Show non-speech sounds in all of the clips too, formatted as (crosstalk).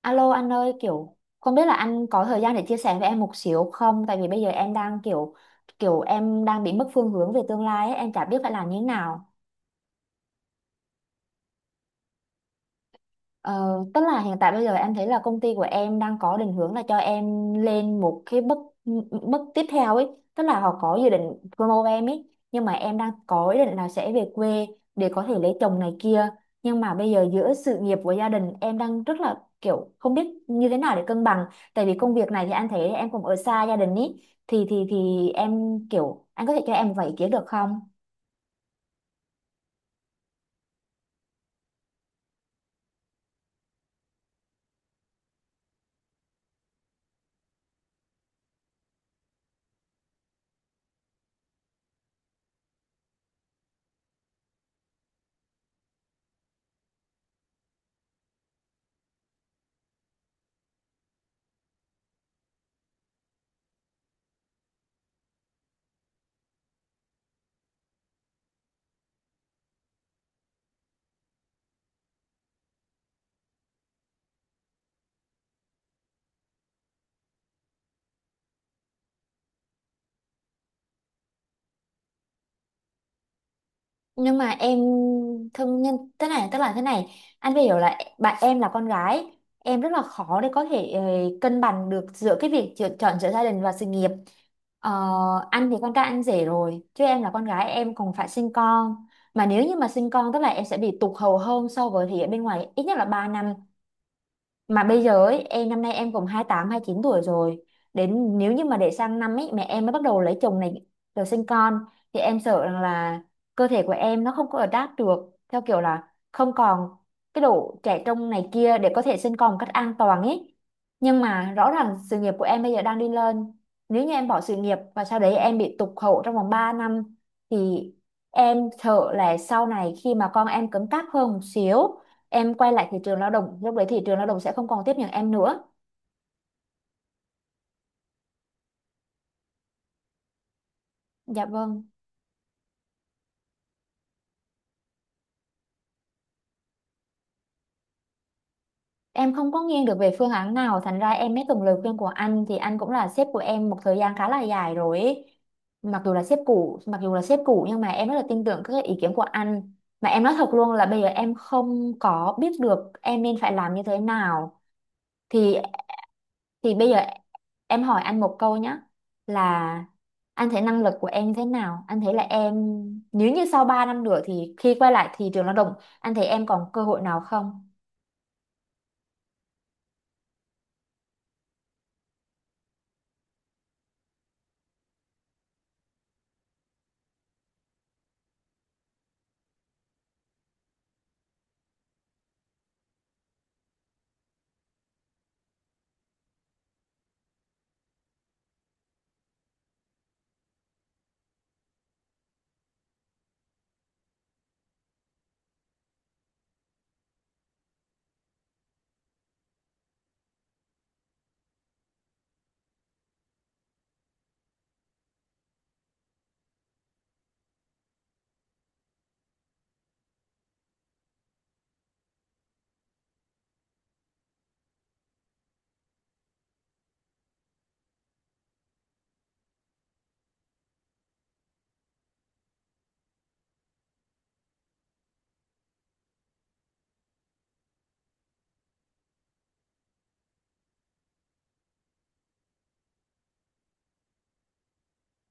Alo anh ơi, kiểu không biết là anh có thời gian để chia sẻ với em một xíu không? Tại vì bây giờ em đang kiểu kiểu em đang bị mất phương hướng về tương lai ấy, em chả biết phải làm như thế nào. Ờ, Tức là hiện tại bây giờ em thấy là công ty của em đang có định hướng là cho em lên một cái bước bước tiếp theo ấy, tức là họ có dự định promote em ấy, nhưng mà em đang có ý định là sẽ về quê để có thể lấy chồng này kia, nhưng mà bây giờ giữa sự nghiệp của gia đình em đang rất là kiểu không biết như thế nào để cân bằng, tại vì công việc này thì anh thấy em cũng ở xa gia đình ý, thì em kiểu anh có thể cho em một vài ý kiến được không? Nhưng mà em thương nhân thế này, tức là thế này, anh phải hiểu là bạn em là con gái, em rất là khó để có thể cân bằng được giữa cái việc chọn chọn giữa gia đình và sự nghiệp. ờ, anh thì con trai anh rể rồi, chứ em là con gái em còn phải sinh con, mà nếu như mà sinh con tức là em sẽ bị tụt hậu hơn so với thì ở bên ngoài ít nhất là 3 năm. Mà bây giờ ấy, em năm nay em cũng 28 29 tuổi rồi, đến nếu như mà để sang năm ấy mẹ em mới bắt đầu lấy chồng này rồi sinh con, thì em sợ rằng là cơ thể của em nó không có adapt được theo kiểu là không còn cái độ trẻ trung này kia để có thể sinh con một cách an toàn ấy. Nhưng mà rõ ràng sự nghiệp của em bây giờ đang đi lên, nếu như em bỏ sự nghiệp và sau đấy em bị tụt hậu trong vòng 3 năm thì em sợ là sau này khi mà con em cứng cáp hơn một xíu, em quay lại thị trường lao động, lúc đấy thị trường lao động sẽ không còn tiếp nhận em nữa. Dạ vâng, em không có nghiêng được về phương án nào, thành ra em mới cần lời khuyên của anh, thì anh cũng là sếp của em một thời gian khá là dài rồi ấy. Mặc dù là sếp cũ mặc dù là sếp cũ nhưng mà em rất là tin tưởng các ý kiến của anh, mà em nói thật luôn là bây giờ em không có biết được em nên phải làm như thế nào. Thì Thì bây giờ em hỏi anh một câu nhé, là anh thấy năng lực của em thế nào? Anh thấy là em, nếu như sau 3 năm nữa thì khi quay lại thị trường lao động, anh thấy em còn cơ hội nào không?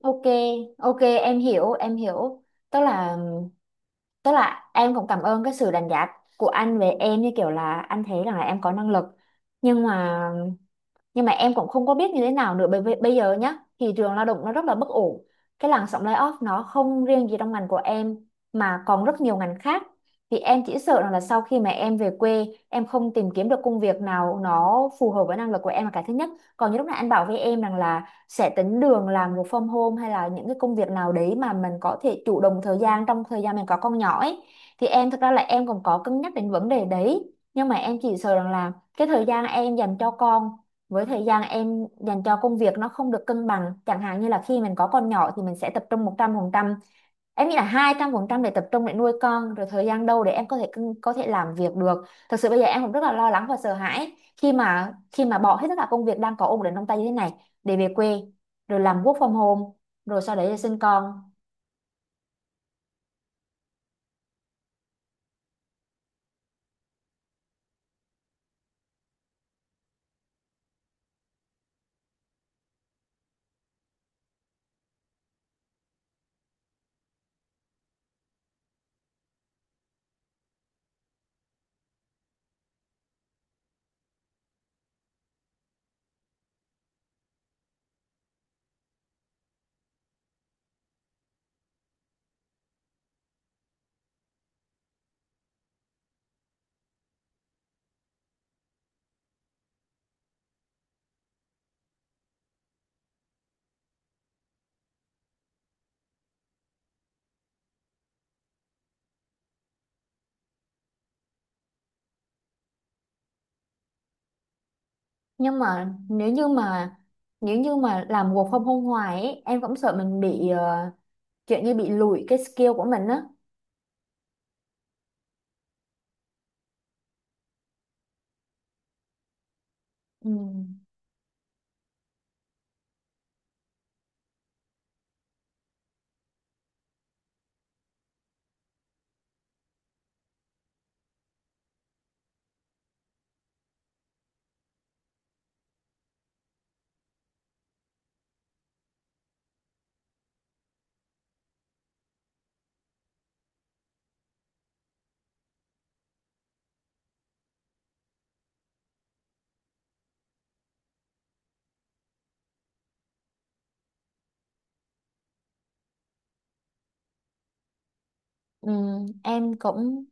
Ok, ok, em hiểu, em hiểu. Tức là tức là em cũng cảm ơn cái sự đánh giá của anh về em, như kiểu là anh thấy rằng là em có năng lực. Nhưng mà nhưng mà em cũng không có biết như thế nào nữa, bởi vì bây giờ nhá, thị trường lao động nó rất là bất ổn, cái làn sóng layoff nó không riêng gì trong ngành của em mà còn rất nhiều ngành khác, thì em chỉ sợ rằng là sau khi mà em về quê em không tìm kiếm được công việc nào nó phù hợp với năng lực của em là cái thứ nhất. Còn như lúc nãy anh bảo với em rằng là sẽ tính đường làm một from home hay là những cái công việc nào đấy mà mình có thể chủ động thời gian trong thời gian mình có con nhỏ ấy, thì em thực ra là em còn có cân nhắc đến vấn đề đấy, nhưng mà em chỉ sợ rằng là cái thời gian em dành cho con với thời gian em dành cho công việc nó không được cân bằng, chẳng hạn như là khi mình có con nhỏ thì mình sẽ tập trung 100%, em nghĩ là 200% để tập trung để nuôi con, rồi thời gian đâu để em có thể cân- có thể làm việc được. Thực sự bây giờ em cũng rất là lo lắng và sợ hãi khi mà bỏ hết tất cả công việc đang có ổn định trong tay như thế này để về quê, rồi làm work from home, rồi sau đấy là sinh con. Nhưng mà nếu như mà làm work from home hoài ấy, em cũng sợ mình bị kiểu như bị lùi cái skill của mình á. Ừ. Ừ, em cũng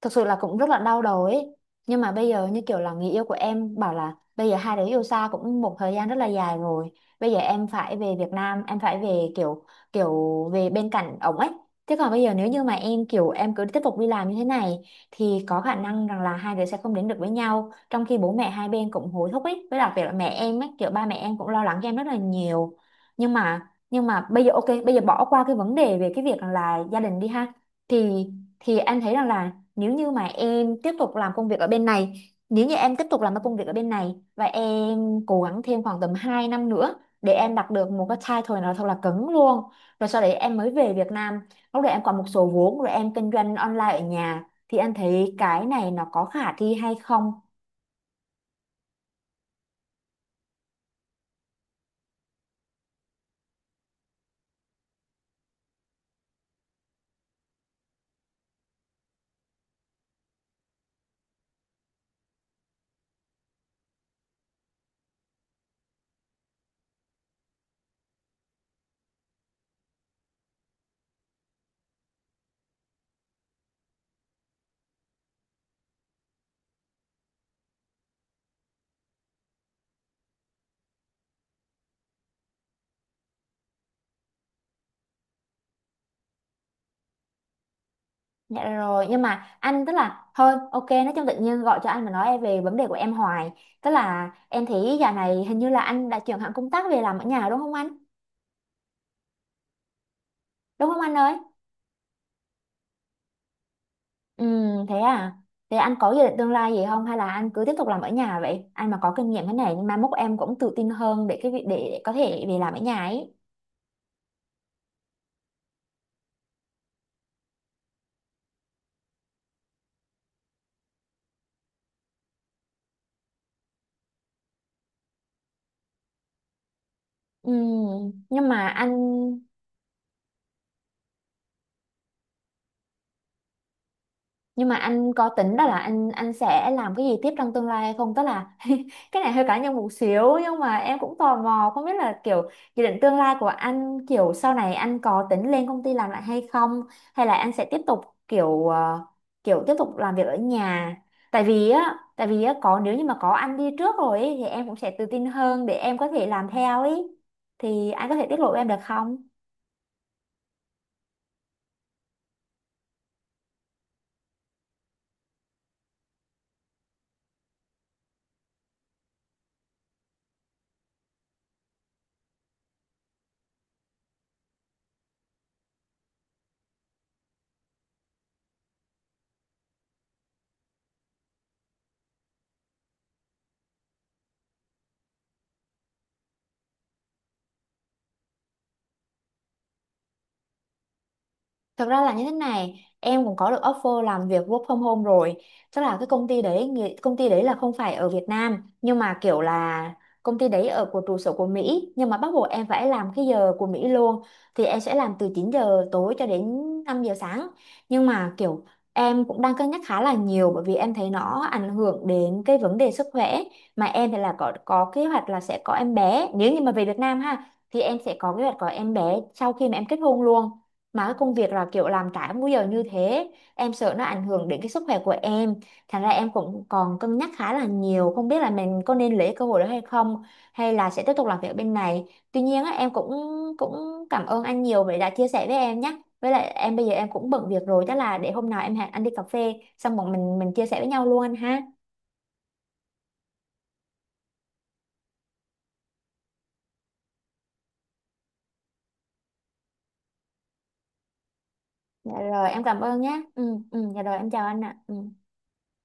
thực sự là cũng rất là đau đầu ấy, nhưng mà bây giờ như kiểu là người yêu của em bảo là bây giờ hai đứa yêu xa cũng một thời gian rất là dài rồi, bây giờ em phải về Việt Nam, em phải về kiểu kiểu về bên cạnh ổng ấy. Thế còn bây giờ nếu như mà em kiểu em cứ tiếp tục đi làm như thế này thì có khả năng rằng là hai đứa sẽ không đến được với nhau, trong khi bố mẹ hai bên cũng hối thúc ấy, với đặc biệt là mẹ em ấy, kiểu ba mẹ em cũng lo lắng cho em rất là nhiều. Nhưng mà bây giờ ok, bây giờ bỏ qua cái vấn đề về cái việc là gia đình đi ha, thì thì em thấy rằng là nếu như mà em tiếp tục làm công việc ở bên này, nếu như em tiếp tục làm cái công việc ở bên này và em cố gắng thêm khoảng tầm 2 năm nữa để em đạt được một cái title nào thật là cứng luôn, rồi sau đấy em mới về Việt Nam, lúc đấy em còn một số vốn rồi em kinh doanh online ở nhà, thì anh thấy cái này nó có khả thi hay không? Dạ rồi, nhưng mà anh tức là thôi ok, nói chung tự nhiên gọi cho anh mà nói về vấn đề của em hoài, tức là em thấy giờ này hình như là anh đã chuyển hẳn công tác về làm ở nhà đúng không anh, đúng không anh ơi? Ừ, thế à? Thế anh có dự định tương lai gì không, hay là anh cứ tiếp tục làm ở nhà vậy? Anh mà có kinh nghiệm cái này nhưng mai mốt em cũng tự tin hơn để cái việc để có thể về làm ở nhà ấy. Ừ, nhưng mà anh nhưng mà anh có tính đó là anh sẽ làm cái gì tiếp trong tương lai hay không, tức là (laughs) cái này hơi cá nhân một xíu nhưng mà em cũng tò mò không biết là kiểu dự định tương lai của anh, kiểu sau này anh có tính lên công ty làm lại hay không, hay là anh sẽ tiếp tục kiểu kiểu tiếp tục làm việc ở nhà. Tại vì á có, nếu như mà có anh đi trước rồi ấy, thì em cũng sẽ tự tin hơn để em có thể làm theo ấy, thì anh có thể tiết lộ em được không? Thật ra là như thế này, em cũng có được offer làm việc work from home rồi. Tức là cái công ty đấy, người- công ty đấy là không phải ở Việt Nam, nhưng mà kiểu là công ty đấy ở của trụ sở của Mỹ, nhưng mà bắt buộc em phải làm cái giờ của Mỹ luôn. Thì em sẽ làm từ 9 giờ tối cho đến 5 giờ sáng. Nhưng mà kiểu em cũng đang cân nhắc khá là nhiều, bởi vì em thấy nó ảnh hưởng đến cái vấn đề sức khỏe, mà em thì là có kế hoạch là sẽ có em bé, nếu như mà về Việt Nam ha thì em sẽ có kế hoạch có em bé sau khi mà em kết hôn luôn, mà cái công việc là kiểu làm trái múi giờ như thế, em sợ nó ảnh hưởng đến cái sức khỏe của em, thành ra em cũng còn cân nhắc khá là nhiều không biết là mình có nên lấy cơ hội đó hay không, hay là sẽ tiếp tục làm việc bên này. Tuy nhiên á, em cũng cũng cảm ơn anh nhiều vì đã chia sẻ với em nhé, với lại em bây giờ em cũng bận việc rồi, chắc là để hôm nào em hẹn anh đi cà phê xong bọn mình chia sẻ với nhau luôn anh ha. Dạ rồi, em cảm ơn nhé. Ừ. Ừ. Dạ rồi, em chào anh ạ. Ừ.